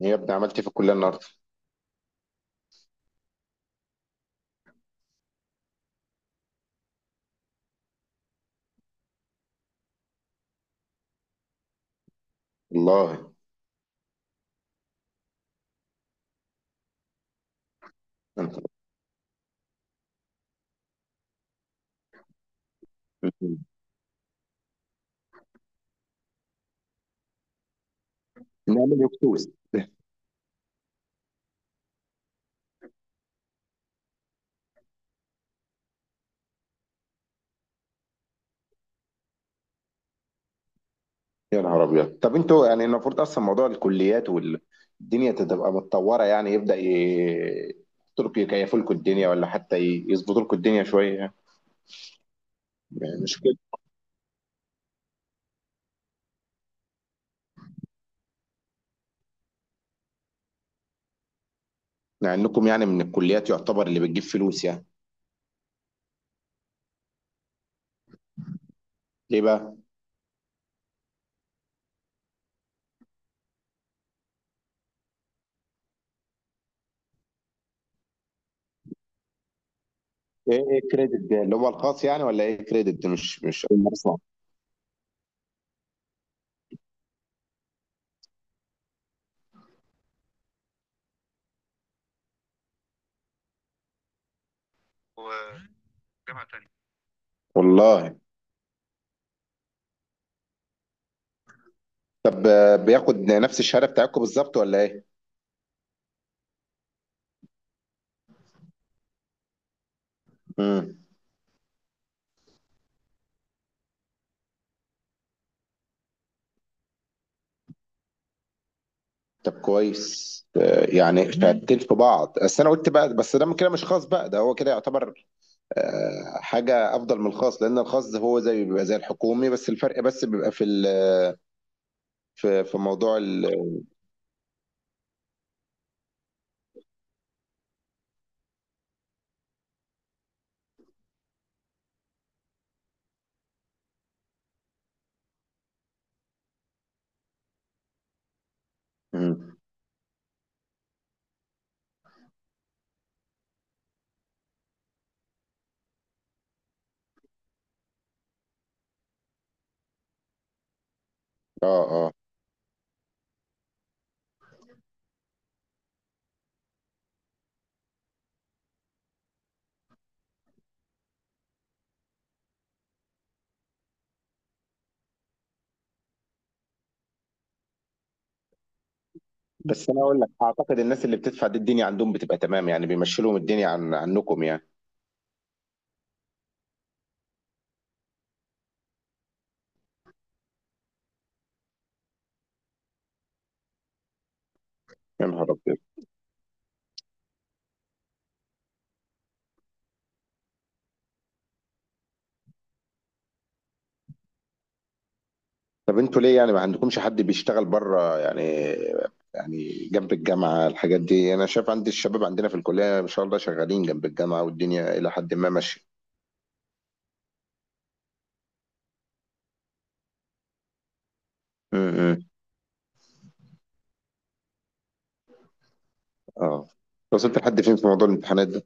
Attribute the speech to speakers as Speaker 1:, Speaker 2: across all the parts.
Speaker 1: يا ابني، عملت إيه في الكليه النهارده؟ والله. انت. نعمل يكتوز يا نهار ابيض. طب انتوا يعني المفروض اصلا موضوع الكليات والدنيا تبقى متطوره يعني يحطوا يكيفوا لكم الدنيا، ولا حتى يظبطوا لكم الدنيا شويه يعني. يعني مش كده. مع انكم يعني من الكليات يعتبر اللي بتجيب فلوس يعني. ليه بقى؟ ايه الكريدت ده اللي هو الخاص يعني، ولا ايه الكريدت ده؟ مش أول مرة أسمع. والله. طب بياخد نفس الشهاده بتاعتكم بالظبط ولا ايه؟ امم. طب كويس. يعني شهادتين في بعض، بس انا قلت بقى، بس ده كده مش خاص بقى، ده هو كده يعتبر حاجه افضل من الخاص، لان الخاص ده هو زي بيبقى زي الحكومي، بس الفرق بس بيبقى في في موضوع ال. مم. اه اه. بس انا اقول لك اعتقد الناس اللي بتدفع دي الدنيا عندهم بتبقى تمام، يعني بيمشي لهم الدنيا عنكم يعني. يا نهار ابيض. طب انتوا ليه يعني ما عندكمش حد بيشتغل بره يعني؟ يعني جنب الجامعة الحاجات دي، انا شايف عندي الشباب عندنا في الكلية ما شاء الله شغالين جنب الجامعة، والدنيا الى حد ما ماشية. امم. اه. وصلت لحد فين في موضوع الامتحانات ده؟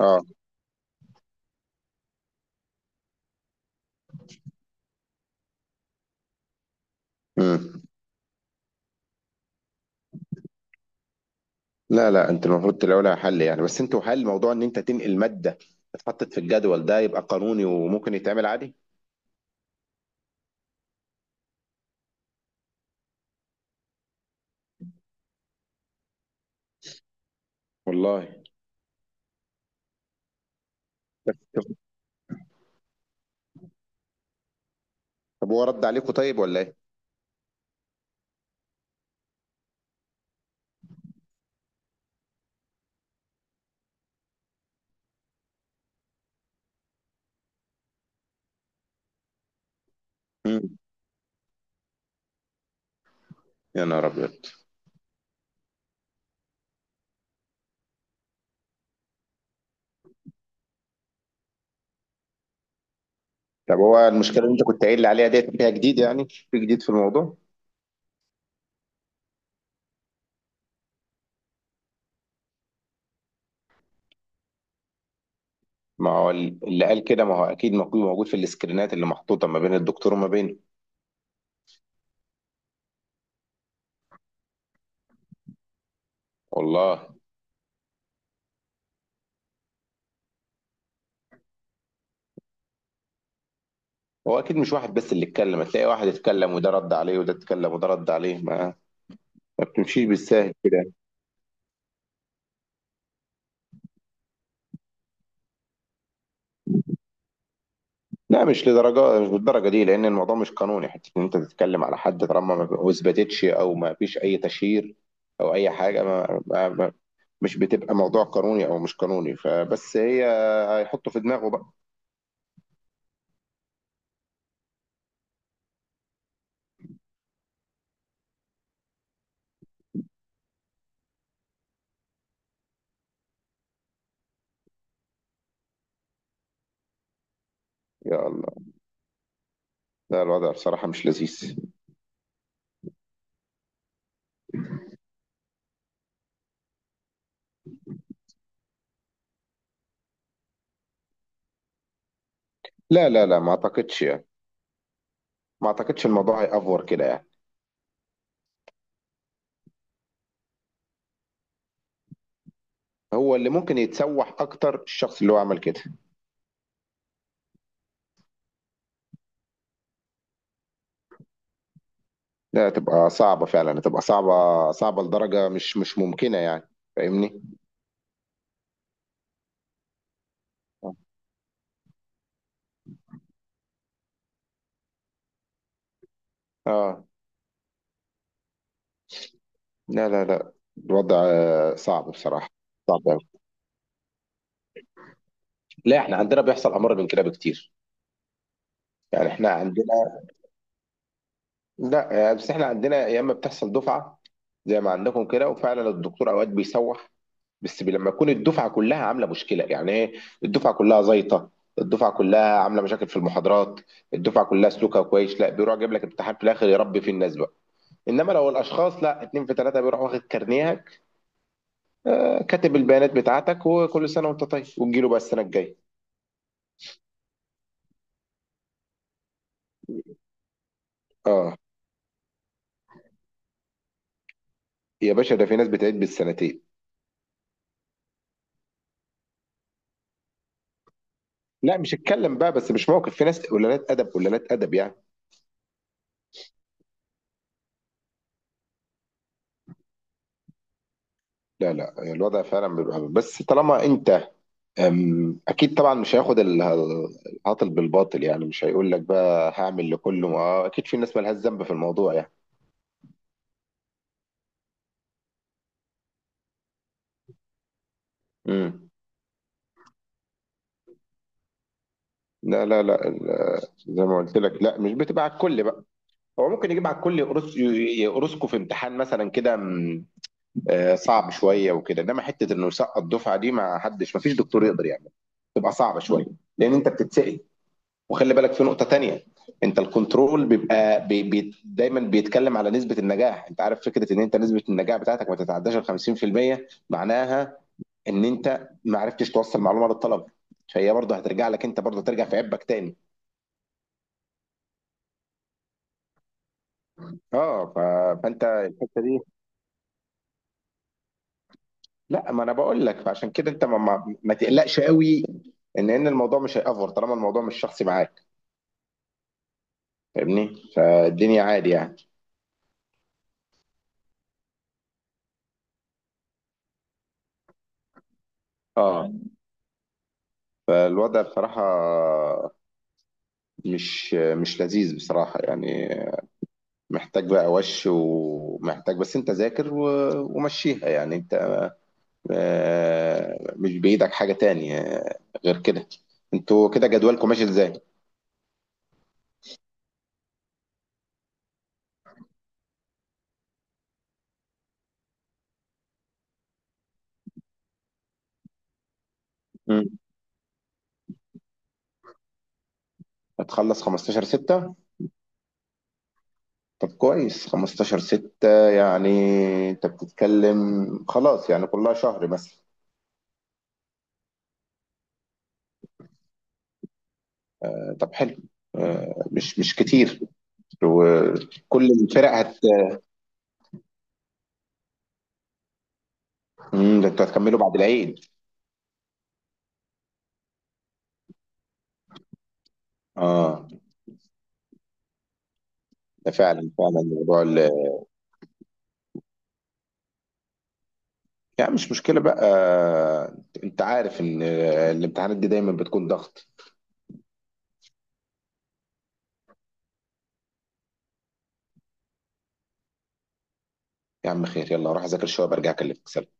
Speaker 1: اه. امم. لا لا، انت المفروض تلاقوا لها حل يعني، بس انتوا هل موضوع ان انت تنقل مادة اتحطت في الجدول ده يبقى قانوني وممكن يتعمل عادي؟ والله. بس. طب هو رد عليكم طيب ولا ايه؟ امم. يا نهار ابيض. طب هو المشكلة اللي انت كنت قايل لي عليها ديت فيها جديد، يعني في جديد في الموضوع؟ ما هو اللي قال كده، ما هو اكيد موجود موجود في السكرينات اللي محطوطه ما بين الدكتور وما بينه. والله. هو اكيد مش واحد بس اللي اتكلم، هتلاقي واحد اتكلم وده رد عليه وده اتكلم وده رد عليه، ما بتمشيش بالساهل كده. لا مش لدرجه، مش بالدرجه دي، لان الموضوع مش قانوني حتى ان انت تتكلم على حد طالما ما اثبتتش او ما فيش اي تشهير او اي حاجه. ما, ما, ما مش بتبقى موضوع قانوني او مش قانوني، فبس هي هيحطه في دماغه بقى. يا الله. لا الوضع بصراحه مش لذيذ. لا لا لا، ما اعتقدش. ما اعتقدش الموضوع هيأفور كده يعني. هو اللي ممكن يتسوح اكتر الشخص اللي هو عمل كده. لا هتبقى صعبة فعلا، هتبقى صعبة، صعبة لدرجة مش ممكنة يعني. فاهمني. اه. لا لا لا، الوضع صعب بصراحة. صعب أوي. لا احنا عندنا بيحصل امر من كده بكتير. يعني احنا عندنا. لا، بس احنا عندنا يا اما بتحصل دفعة زي ما عندكم كده، وفعلا الدكتور اوقات بيسوح. بس لما تكون الدفعه كلها عامله مشكله، يعني ايه؟ الدفعه كلها زيطه، الدفعه كلها عامله مشاكل في المحاضرات. الدفعه كلها سلوكها كويس، لا بيروح جايب لك امتحان في الاخر يربي فيه الناس بقى. انما لو الاشخاص لا اتنين في ثلاثه، بيروح واخد كارنيهك، آه، كاتب البيانات بتاعتك، وكل سنه وانت طيب، وتجيله بقى السنه الجايه. اه. يا باشا، ده في ناس بتعيد بالسنتين. لا مش اتكلم بقى، بس مش موقف، في ناس قلالات ادب قلالات ادب يعني. لا لا، الوضع فعلا بيبقى، بس طالما انت اكيد طبعا، مش هياخد العاطل بالباطل، يعني مش هيقول لك بقى هعمل لكله، ما اكيد في ناس مالهاش ذنب في الموضوع يعني. امم. لا لا لا، زي ما قلت لك، لا مش بتبقى على الكل بقى. هو ممكن يجيب على الكل، يقرصكوا في امتحان مثلا كده، صعب شويه وكده، انما حته انه يسقط الدفعه دي، ما حدش، ما فيش دكتور يقدر يعمل. تبقى صعبه شويه لان انت بتتسال. وخلي بالك في نقطة تانية: انت الكنترول بيبقى بي دايما بيتكلم على نسبة النجاح. انت عارف فكرة ان انت نسبة النجاح بتاعتك ما تتعداش ال 50%؟ معناها ان انت ما عرفتش توصل معلومة للطلب، فهي برضه هترجع لك، انت برضه ترجع في عبك تاني. اه. فانت الحتة دي، لا ما انا بقول لك، فعشان كده انت ما تقلقش قوي. ان الموضوع مش هيأفور طالما الموضوع مش شخصي معاك، فاهمني، فالدنيا عادي يعني. اه. فالوضع بصراحة مش لذيذ بصراحة يعني، محتاج بقى وش، ومحتاج بس انت ذاكر ومشيها يعني. انت مش بإيدك حاجة تانية غير كده. انتوا كده جدولكم ماشي ازاي؟ مم. هتخلص 15 6؟ طب كويس، 15 6 يعني، انت بتتكلم خلاص يعني كلها شهر مثلا. طب حلو. مش كتير. وكل الفرق هت. ده انتوا هتكملوا بعد العيد؟ اه. ده فعلا فعلا موضوع. يعني مش مشكلة بقى، انت عارف ان الامتحانات دي دايما بتكون ضغط. يا عم خير، يلا اروح اذاكر شوية، برجع اكلمك. سلام.